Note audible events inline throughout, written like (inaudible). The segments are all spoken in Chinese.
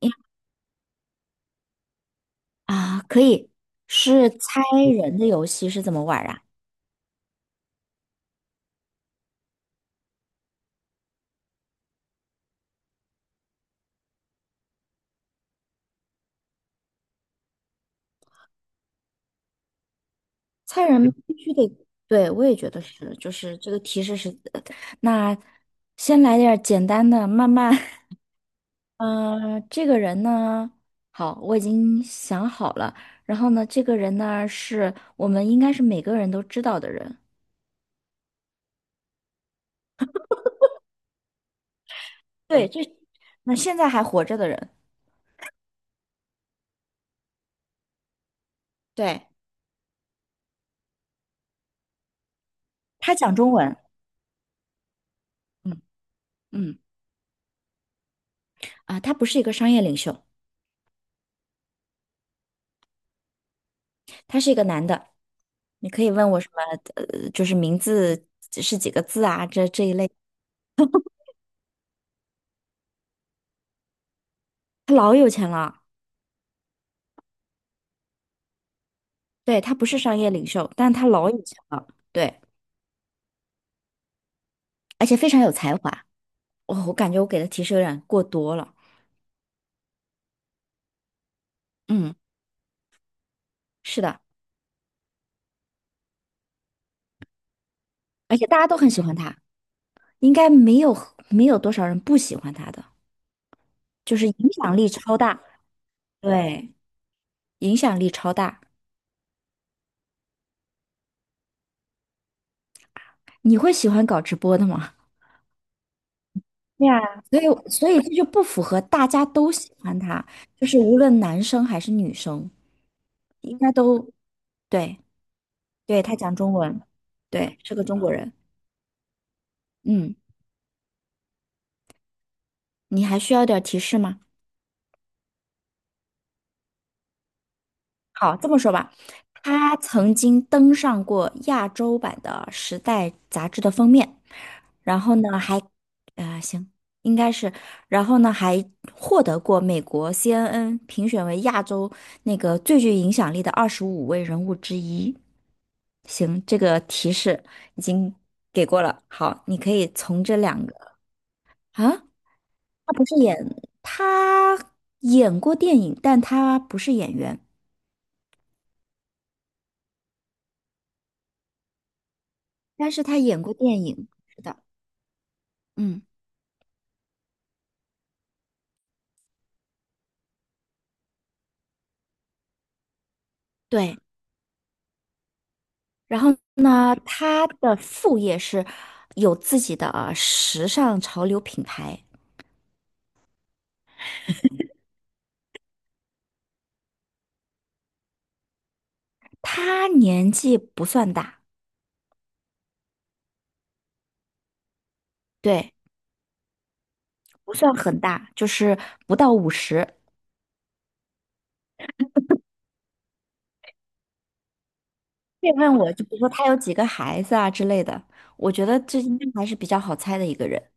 呀啊，可以，是猜人的游戏是怎么玩儿啊？猜人必须得，对，我也觉得是，就是这个提示是，(tsk) 那先来点儿简单的，慢慢，(laughs) 这个人呢，好，我已经想好了，然后呢，这个人呢是我们应该是每个人都知道的人，对，这，那现在还活着的人，对，他讲中文，嗯嗯，啊，他不是一个商业领袖，他是一个男的。你可以问我什么，就是名字是几个字啊，这一类。他老有钱了，对，他不是商业领袖，但他老有钱了，对，而且非常有才华。我感觉我给的提示有点过多了。嗯，是的，而且大家都很喜欢他，应该没有多少人不喜欢他的，就是影响力超大。对，影响力超大。你会喜欢搞直播的吗？对啊，所以这就不符合大家都喜欢他，就是无论男生还是女生。应该都对，对，他讲中文，对，是个中国人。嗯，你还需要点儿提示吗？好，这么说吧，他曾经登上过亚洲版的《时代》杂志的封面，然后呢，还，行，应该是，然后呢，还获得过美国 CNN 评选为亚洲那个最具影响力的25位人物之一。行，这个提示已经给过了。好，你可以从这两个。啊，他不是演，他演过电影，但他不是演员，但是他演过电影，是的，嗯，对。然后呢，他的副业是有自己的时尚潮流品牌。他年纪不算大，对，不算很大，就是不到50。别问我，就比如说他有几个孩子啊之类的，我觉得这应该还是比较好猜的一个人。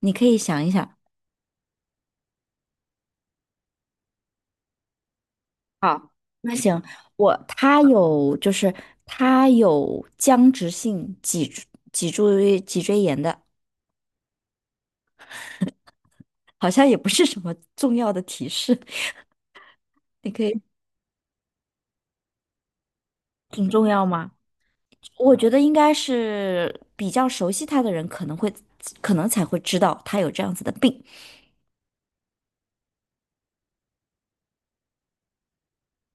你可以想一想，好，那行，我他有就是他有僵直性脊柱脊椎炎的，好像也不是什么重要的提示，(laughs) 你可以很重要吗？我觉得应该是比较熟悉他的人可能才会知道他有这样子的病。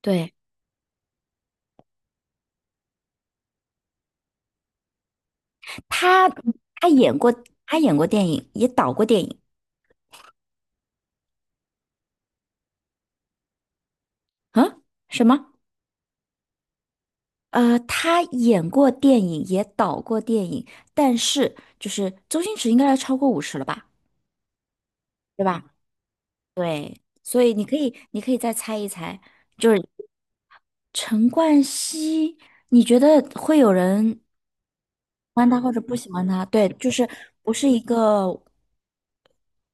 对，他，他演过他演过电影，也导过电影啊？什么？他演过电影，也导过电影，但是就是周星驰应该要超过五十了吧，对吧？所以你可以再猜一猜，就是陈冠希，你觉得会有人喜欢他或者不喜欢他？对，就是不是一个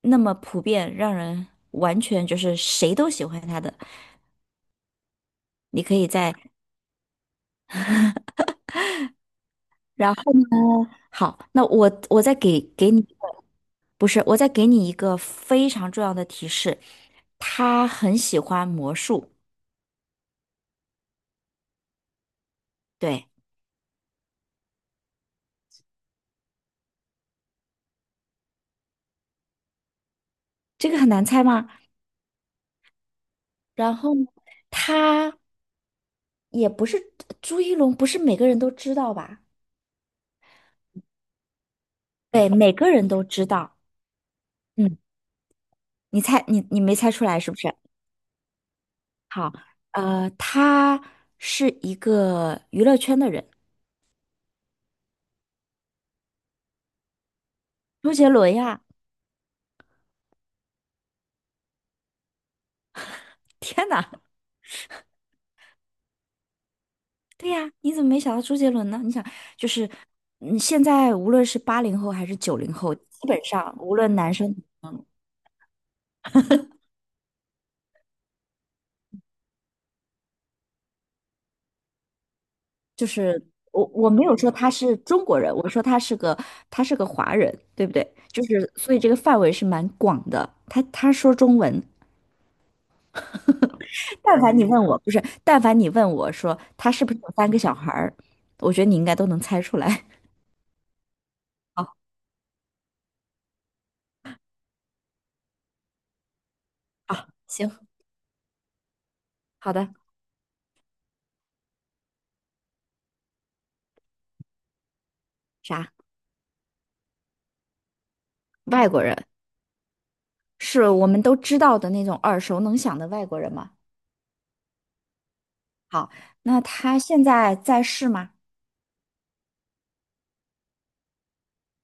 那么普遍，让人完全就是谁都喜欢他的。你可以再，然后好，那我再给你。不是，我再给你一个非常重要的提示，他很喜欢魔术。对，这个很难猜吗？然后呢他也不是朱一龙，不是每个人都知道吧？对，每个人都知道。嗯，你猜，你没猜出来是不是？好，他是一个娱乐圈的人，周杰伦呀！天哪，对呀，你怎么没想到周杰伦呢？你想，就是，嗯，现在无论是80后还是90后，基本上无论男生，就是我没有说他是中国人，我说他是个华人，对不对？就是所以这个范围是蛮广的。他说中文，但凡你问我说他是不是有三个小孩儿，我觉得你应该都能猜出来。(laughs) 好，好，行，好的，啥？外国人是我们都知道的那种耳熟能详的外国人吗？好，那他现在在世吗？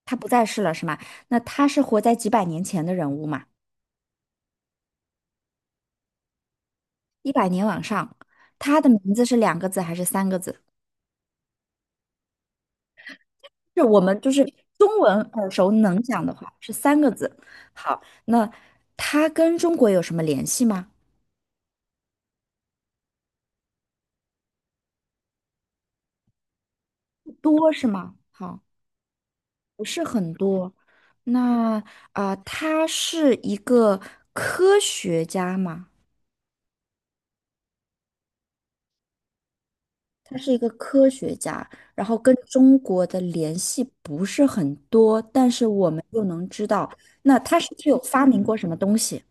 他不在世了是吗？那他是活在几百年前的人物嘛？100年往上，他的名字是两个字还是三个字？是我们就是中文耳熟能详的话是三个字。好，那他跟中国有什么联系吗？不多是吗？好，不是很多。那啊、他是一个科学家吗？他是一个科学家，然后跟中国的联系不是很多，但是我们知道，那他是不是有发明过什么东西？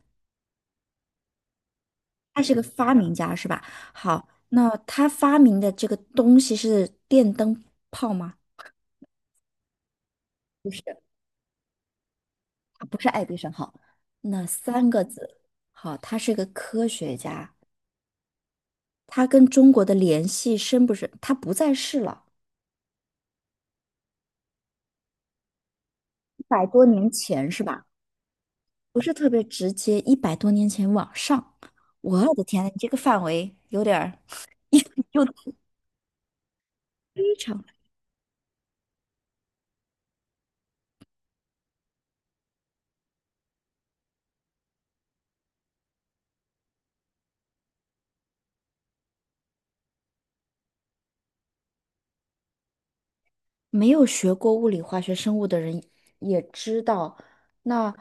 他是个发明家，是吧？好，那他发明的这个东西是电灯泡吗？不是，他不是爱迪生。好，那三个字，好，他是个科学家，他跟中国的联系深不深？他不在世了，一百多年前是吧？不是特别直接，一百多年前往上，我的天呐，你这个范围有点儿 (laughs) 又非常没有学过物理、化学、生物的人也知道，那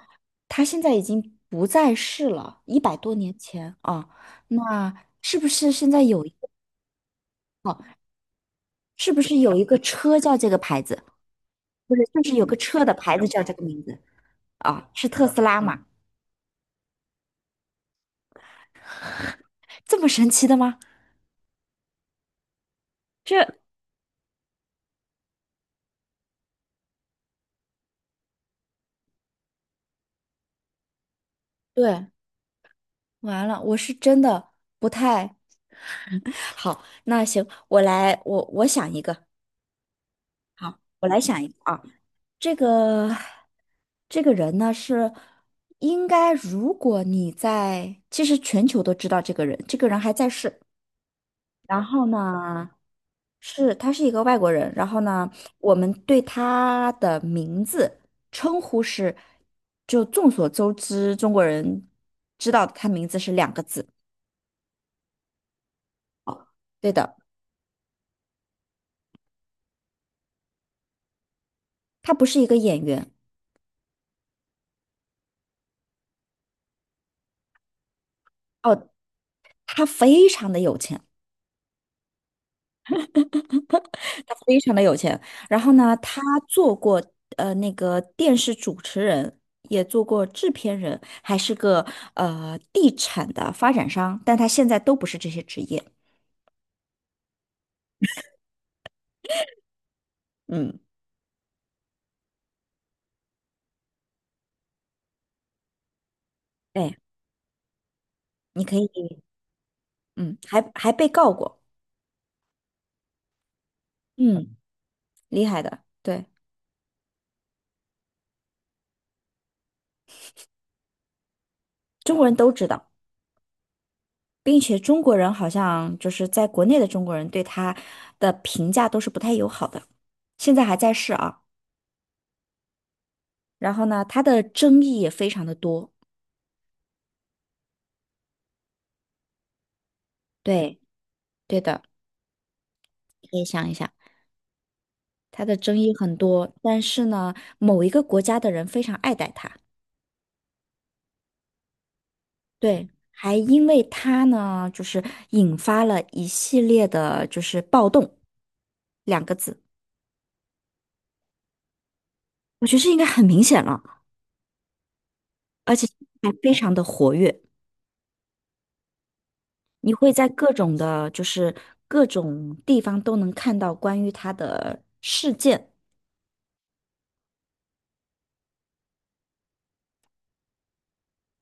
他现在已经不在世了，一百多年前啊，那是不是有一个车叫这个牌子，不是，就是有个车的牌子叫这个名字啊？是特斯拉嘛？这么神奇的吗？这对，完了，我是真的不太。好，那行，我想一个，好，我来想一个啊。这个这个人呢是应该，如果你在，其实全球都知道这个人，这个人还在世。然后呢，是他是一个外国人。然后呢，我们对他的名字称呼是，就众所周知，中国人知道他名字是两个字。对的，他不是一个演员哦，他非常的有钱。他非常的有钱。然后呢，他做过那个电视主持人，也做过制片人，还是个地产的发展商，但他现在都不是这些职业。嗯，对，你可以，嗯，还被告过，嗯，厉害的，对，中国人都知道。并且中国人好像就是在国内的中国人对他的评价都是不太友好的，现在还在世啊。然后呢，他的争议也非常的多。对，对的，可以想一想。它的争议很多，但是呢，某一个国家的人非常爱戴它，对，还因为它呢，就是引发了一系列的，就是暴动两个字，我觉得这应该很明显了，而且还非常的活跃，你会在各种的，就是各种地方都能看到关于它的事件，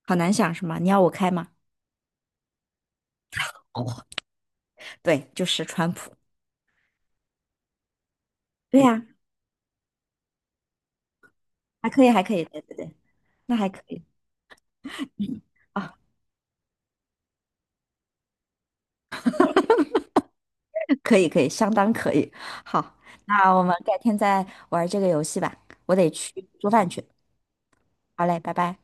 好难想是吗？你要我开吗？(laughs) 哦，对，就是川普，对呀、还可以，还可以，对对对，那还可以。啊。可以，可以，相当可以。好，那我们改天再玩这个游戏吧，我得去做饭去。好嘞，拜拜。